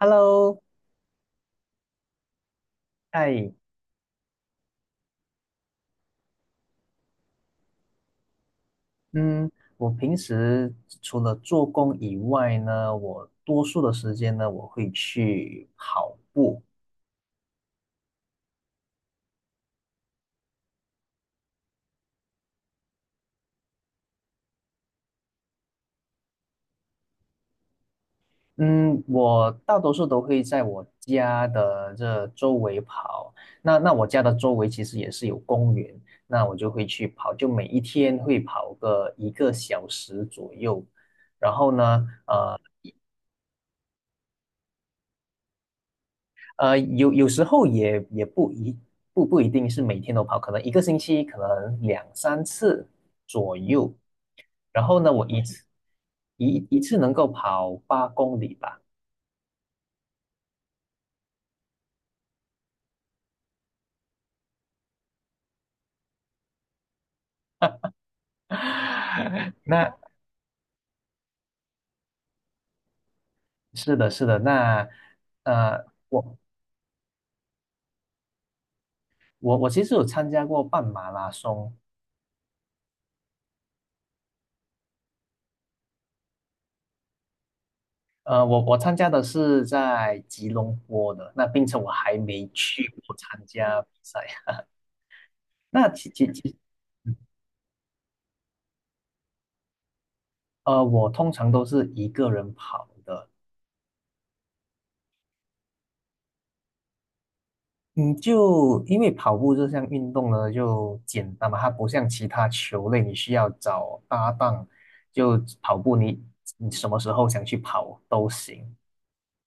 Hello，哎，嗯，我平时除了做工以外呢，我多数的时间呢，我会去跑步。嗯，我大多数都会在我家的这周围跑。那我家的周围其实也是有公园，那我就会去跑，就每一天会跑个1个小时左右。然后呢，呃，有时候也不一定是每天都跑，可能一个星期可能两三次左右。然后呢，我一次能够跑8公里吧。那是的，是的，那呃，我我其实有参加过半马拉松，我参加的是在吉隆坡的，那并且我还没去过参加比赛。那其其其，嗯我通常都是一个人跑的，嗯，就因为跑步这项运动呢，就简单嘛，它不像其他球类，你需要找搭档。就跑步你，你什么时候想去跑都行，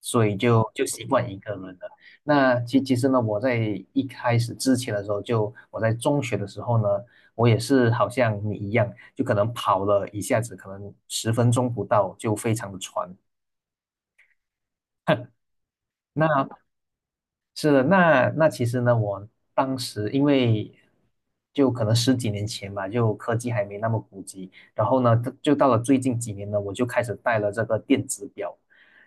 所以就习惯一个人了。那其实呢，我在一开始之前的时候就，我在中学的时候呢，我也是好像你一样，就可能跑了一下子，可能10分钟不到就非常的喘。那是的，那其实呢，我当时因为就可能十几年前吧，就科技还没那么普及，然后呢，就到了最近几年呢，我就开始带了这个电子表。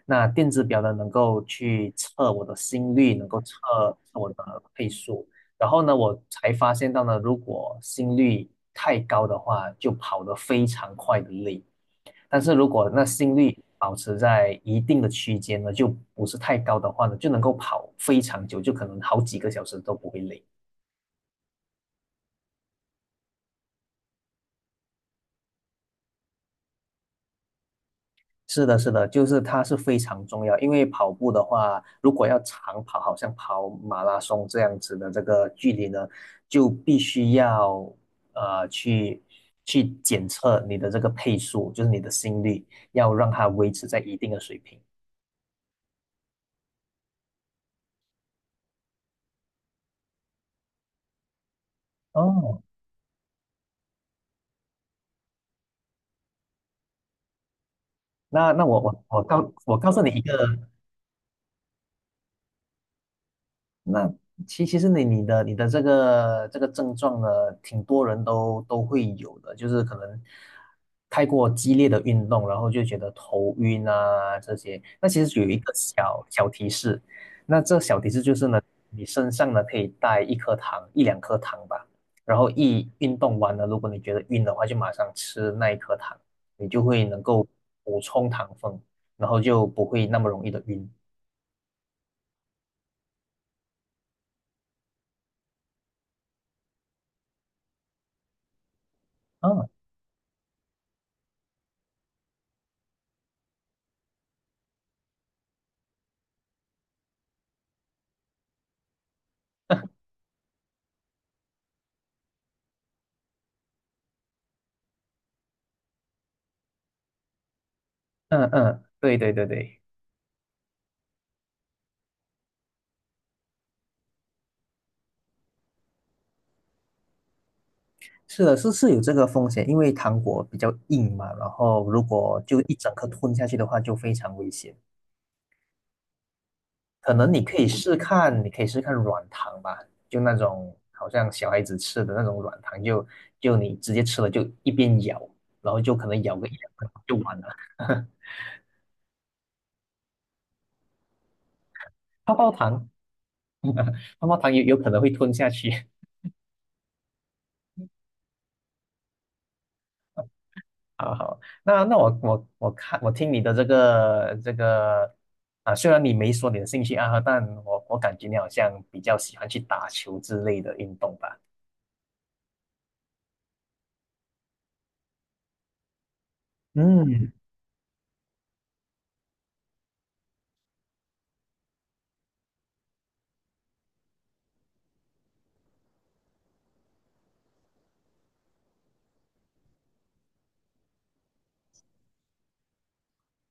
那电子表呢，能够去测我的心率，能够测我的配速。然后呢，我才发现到呢，如果心率太高的话，就跑得非常快的累。但是如果那心率保持在一定的区间呢，就不是太高的话呢，就能够跑非常久，就可能好几个小时都不会累。是的，是的，就是它是非常重要，因为跑步的话，如果要长跑，好像跑马拉松这样子的这个距离呢，就必须要呃去去检测你的这个配速，就是你的心率，要让它维持在一定的水平。哦，那我告诉你。那其实你的这个症状呢，挺多人都会有的，就是可能太过激烈的运动，然后就觉得头晕啊这些。那其实有一个小小提示，那这小提示就是呢，你身上呢可以带一颗糖，一两颗糖吧。然后一运动完了，如果你觉得晕的话，就马上吃那一颗糖，你就会能够补充糖分，然后就不会那么容易的晕。嗯 嗯嗯，对对对对。是的，是有这个风险，因为糖果比较硬嘛，然后如果就一整颗吞下去的话，就非常危险。可能你可以试看软糖吧，就那种好像小孩子吃的那种软糖，就你直接吃了，就一边咬，然后就可能咬个一两口就完了。泡泡糖，泡泡糖有可能会吞下去。好好，那我听你的这个啊，虽然你没说你的兴趣爱好，但我感觉你好像比较喜欢去打球之类的运动吧？嗯，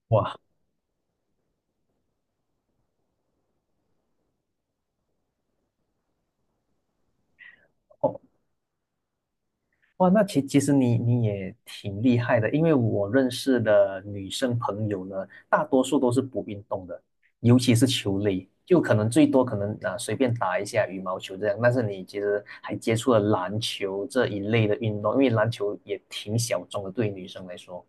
哇，哦哇，那其实你也挺厉害的，因为我认识的女生朋友呢，大多数都是不运动的，尤其是球类，就可能最多可能啊随便打一下羽毛球这样，但是你其实还接触了篮球这一类的运动，因为篮球也挺小众的，对于女生来说，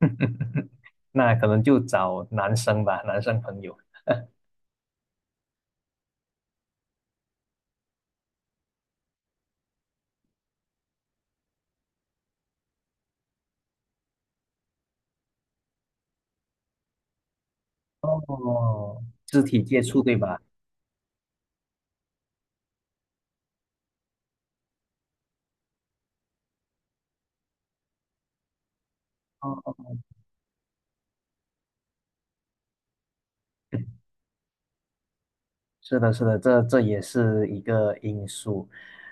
那可能就找男生吧，男生朋友。哦，肢体接触对吧？哦哦。是的，是的，这也是一个因素。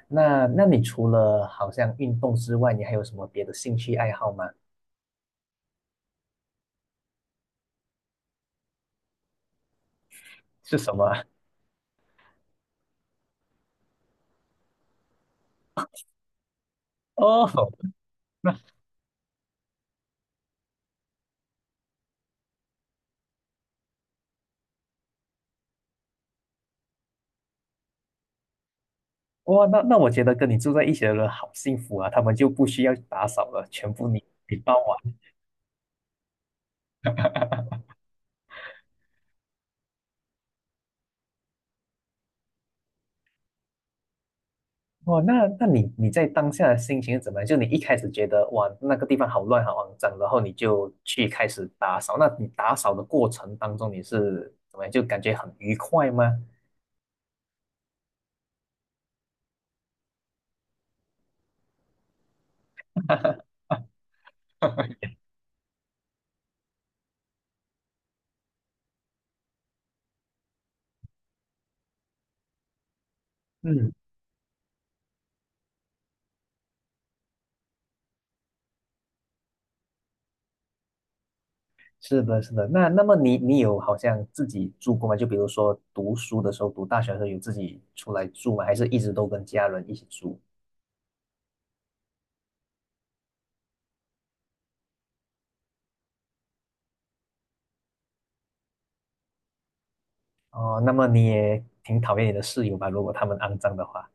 那你除了好像运动之外，你还有什么别的兴趣爱好吗？是什么啊？哦，那哇，那我觉得跟你住在一起的人好幸福啊，他们就不需要打扫了，全部你帮完。哇，那你在当下的心情是怎么样？就你一开始觉得哇那个地方好乱好肮脏，然后你就去开始打扫。那你打扫的过程当中你是怎么样？就感觉很愉快吗？嗯是的，是的。那么你有好像自己住过吗？就比如说读书的时候，读大学的时候有自己出来住吗？还是一直都跟家人一起住？哦，那么你也挺讨厌你的室友吧？如果他们肮脏的话，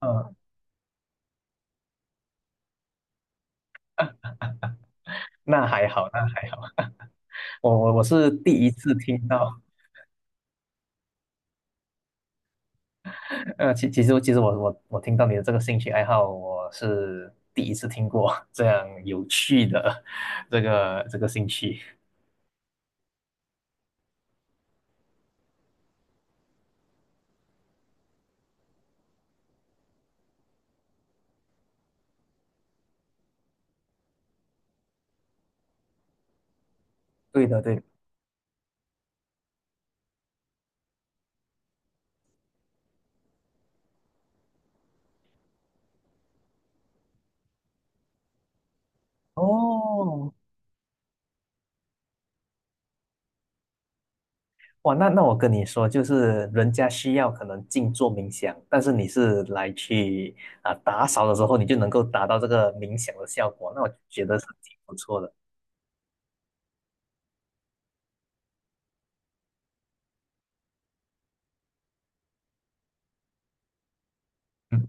嗯，那还好，那还好。我是第一次听到，其实我听到你的这个兴趣爱好，我是第一次听过这样有趣的 这个兴趣。对的，对的。哦，哇，那我跟你说，就是人家需要可能静坐冥想，但是你是来去啊、打扫的时候，你就能够达到这个冥想的效果，那我觉得是挺不错的。嗯，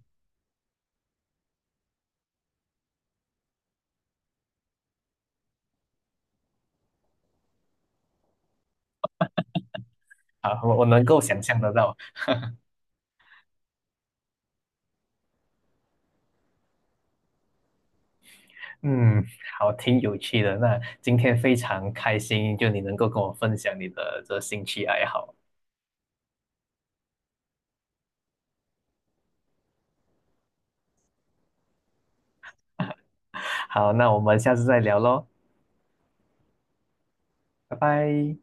好，我能够想象得到，嗯，好，挺有趣的。那今天非常开心，就你能够跟我分享你的这兴趣爱好。好，那我们下次再聊喽，拜拜。